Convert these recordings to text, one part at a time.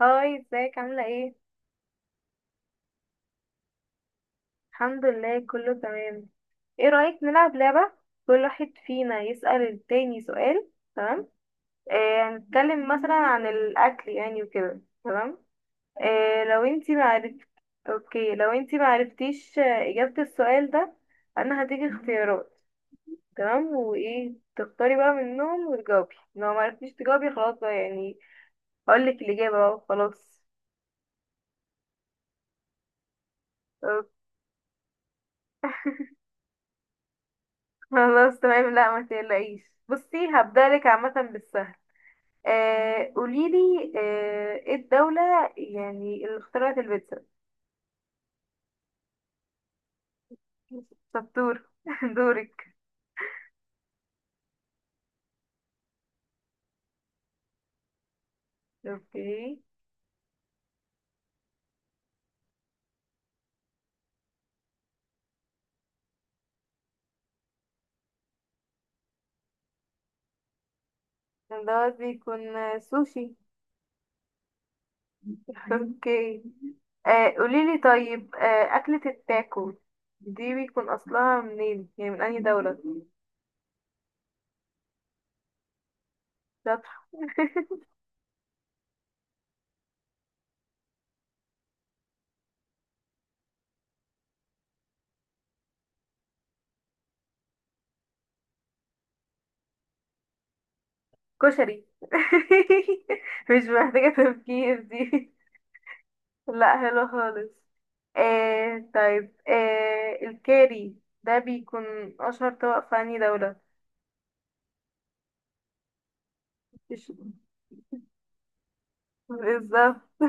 هاي، ازيك عاملة ايه؟ الحمد لله كله تمام. ايه رأيك نلعب لعبة؟ كل واحد فينا يسأل التاني سؤال. تمام؟ هنتكلم مثلا عن الأكل، يعني وكده، تمام؟ لو انتي معرفت. اوكي، لو انتي معرفتيش إجابة السؤال ده، أنا هديكي اختيارات. تمام، وايه تختاري بقى منهم وتجاوبي؟ لو معرفتيش تجاوبي خلاص بقى، يعني هقولك الإجابة بقى. خلاص خلاص، تمام. لا ما تقلقيش بصي، هبدألك عامة بالسهل. قوليلي، ايه الدولة يعني اللي اخترعت البيتزا؟ شطور. دورك. اوكي، دوت بيكون سوشي. اوكي. قوليلي طيب، أكلة التاكو دي بيكون أصلها منين؟ يعني من أي دولة؟ شاطر. كشري. مش محتاجة تفكير دي. لا حلو خالص. طيب، الكاري ده بيكون أشهر طبق في أنهي دولة؟ مش- بالظبط.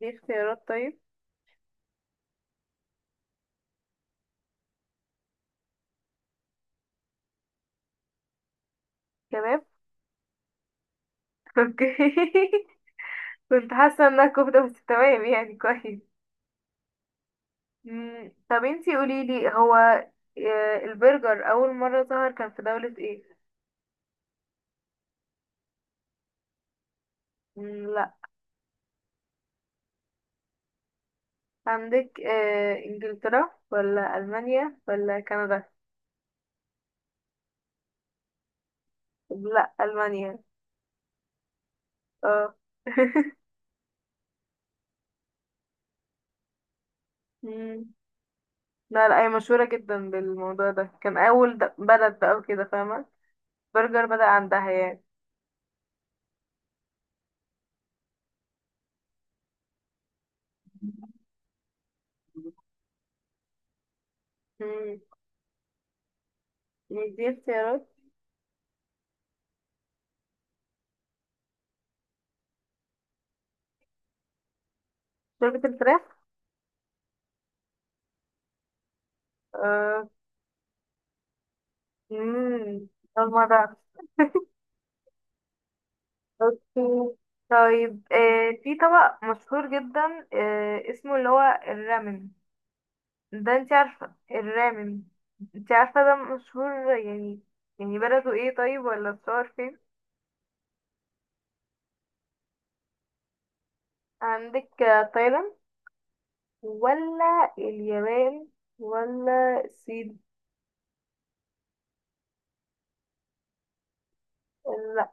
دي اختيارات طيب. كباب. اوكي. كنت حاسة انها كفتة، بس تمام يعني كويس. طب انتي قوليلي، هو البرجر أول مرة ظهر كان في دولة ايه؟ مم، لا. عندك إنجلترا ولا ألمانيا ولا كندا؟ لا، ألمانيا. اه. مم. لا لا، هي مشهورة جدا بالموضوع ده، كان أول بلد بقى وكده، فاهمة؟ برجر بدأ عندها يعني. مم. يعني دي اختيارات. شوربة الفراخ. آه. مم. أول مرة أعرف. أوكي. طيب في طبق مشهور جدا اسمه اللي هو الرامن. ده انت عارفة الرامن، انت عارفة ده مشهور يعني؟ يعني بلده ايه طيب، ولا بتصور فين؟ عندك تايلاند ولا اليابان ولا الصين؟ لا،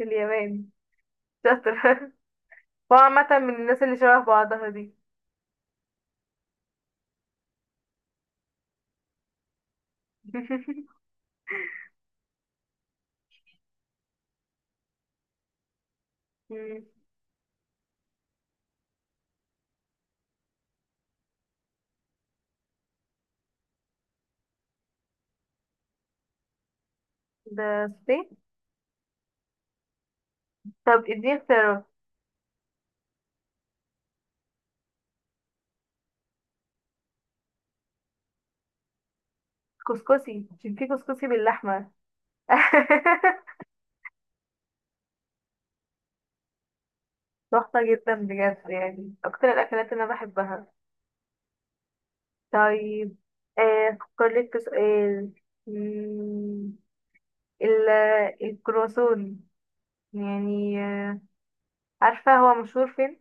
اليابان. شاطر. هو عامة من الناس اللي شبه بعضها دي. مم. ده الصين. طب اديني اختيارات. كسكسي، عشان في كسكسي باللحمة. تحفة جدا بجد، يعني أكتر الأكلات اللي أنا بحبها. طيب أفكر لك في سؤال. مم، ال- الكرواسون، يعني عارفة هو مشهور فين؟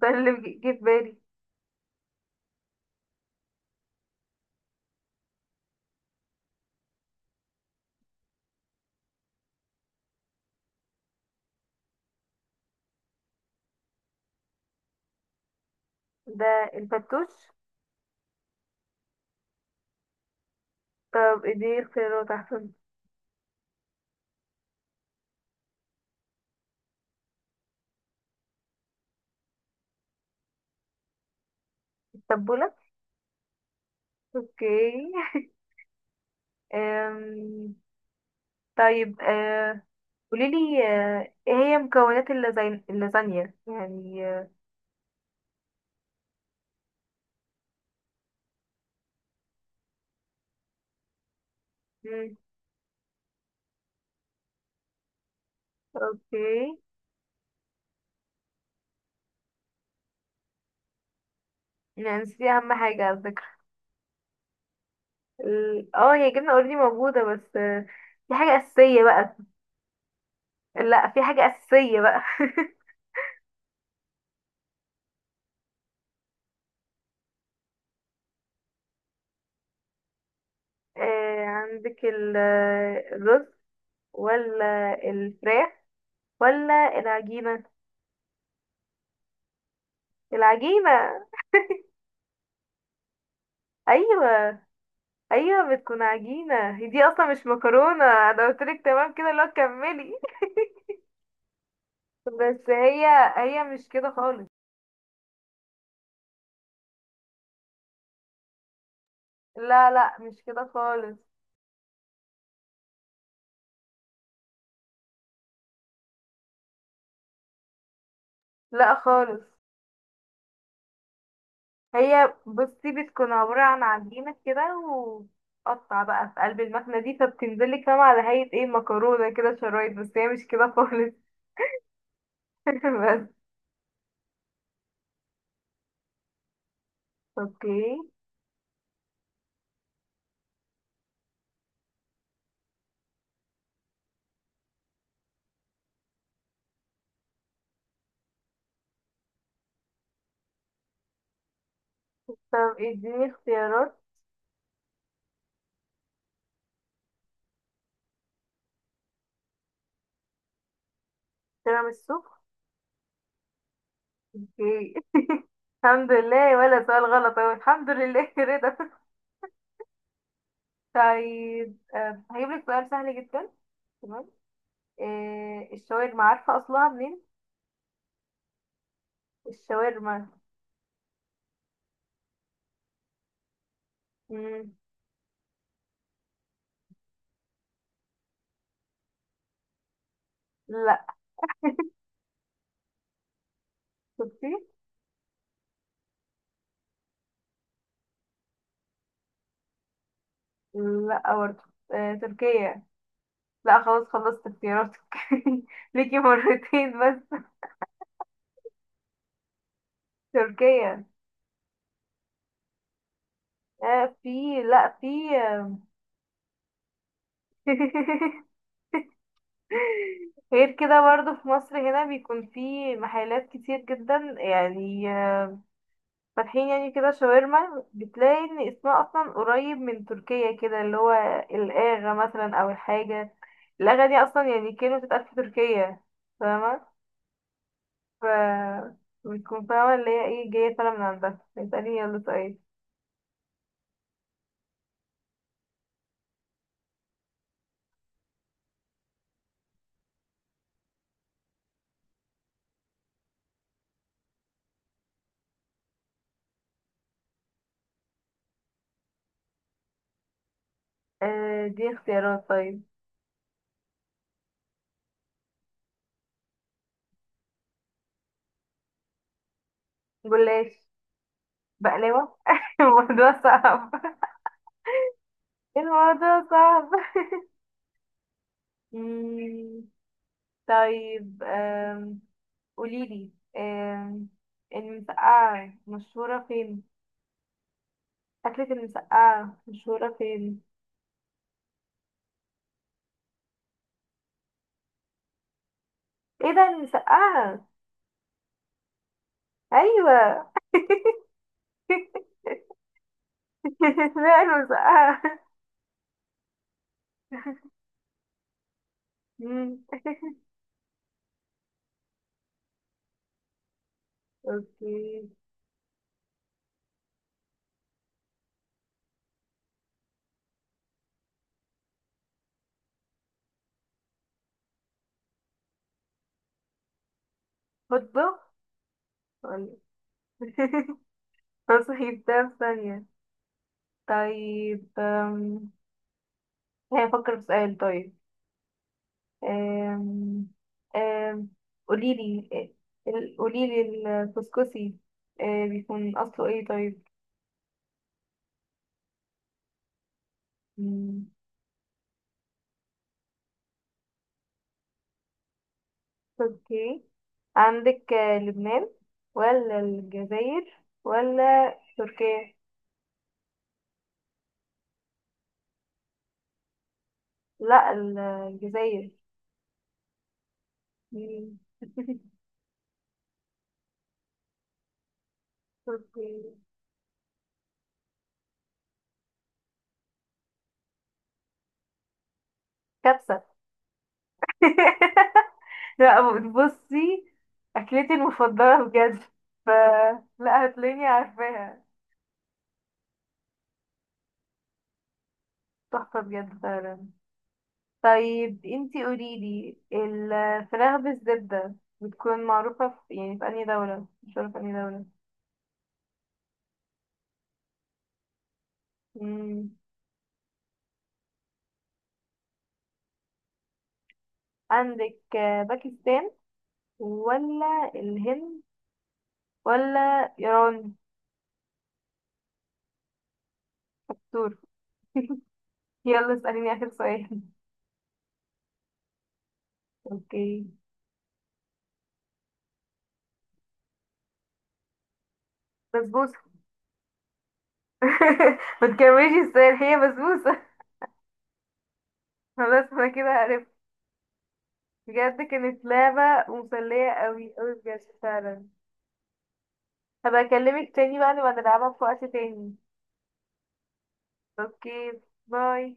ده اللي جه في بالي. ده الفتوش. طب دي اختيارات احسن. التبولة. اوكي. أم... طيب قوليلي ايه هي مكونات اللازانيا، يعني مم، اوكي. يعني نسيتي اهم حاجة على فكرة. اه هي جبنة اوريدي موجودة، بس في حاجة اساسية بقى. لا، في حاجة اساسية بقى. عندك الرز ولا الفراخ ولا العجينة؟ العجينة. ايوه. ايوه بتكون عجينة، هي دي اصلا مش مكرونة، انا قلتلك. تمام كده؟ لا كملي. بس هي مش كده خالص. لا لا، مش كده خالص. لا خالص. هي بصي بتكون عبارة عن عجينة كده، وقطع بقى في قلب المكنة دي، فبتنزلك فاهمة على هيئة ايه؟ مكرونة كده شرايط، بس هي مش كده خالص. بس. اوكي. طب اديني اختيارات. تيراميسو. اوكي. الحمد لله، ولا سؤال غلط اهو، الحمد لله، رضا. طيب هجيب لك سؤال سهل جدا. تمام. إيه الشاورما، عارفة أصلها منين؟ الشاورما. مم. لا. شفتي؟ لا برضه. تركيا. لا خلاص، خلصت اختياراتك. ليكي مرتين بس. تركيا. آه في لا في. آه، غير كده برضه في مصر هنا بيكون في محلات كتير جدا، يعني فاتحين يعني كده شاورما. بتلاقي ان اسمها اصلا قريب من تركيا كده، اللي هو الاغا مثلا، او الحاجه الاغا دي، اصلا يعني كلمه بتتقال في تركيا. فاهمه. ف بتكون فاهمه اللي هي ايه، جايه فعلا من عندها. اساليني يلا طيب. دي اختيارات طيب. جلاش. بقلاوه. الموضوع صعب. الموضوع صعب. مم، طيب قوليلي آم، المسقعة مشهورة فين؟ أكلة المسقعة مشهورة فين؟ ايه ده المسقعة؟ أيوة. اسمها المسقعة. مم. اوكي. هطبخ. ولا. تصحيح ده في ثانية. طيب هي أفكر في سؤال طيب. أم، أم، قوليلي، قوليلي الكسكسي، بيكون أصله ايه طيب؟ مم. تركي. عندك لبنان ولا الجزائر ولا تركيا؟ لا الجزائر. مم. تركيا. كبسة. لا بصي، أكلتي المفضلة بجد. ف لا هتلاقيني عارفاها. تحفة بجد فعلا. طيب انتي قوليلي الفراخ بالزبدة بتكون معروفة في، يعني في أنهي دولة؟ مش عارفة أنهي دولة. مم. عندك باكستان ولا الهند ولا إيران؟ دور. يلا اسأليني آخر سؤال. اوكي. بسبوسة. ما تكمليش السؤال، هي بسبوسة. خلاص انا كده عرفت. بجد كانت لعبة مسلية قوي قوي، بجد فعلا. هبقى اكلمك تاني بقى، نبقى نلعبها في وقت تاني. اوكي. باي.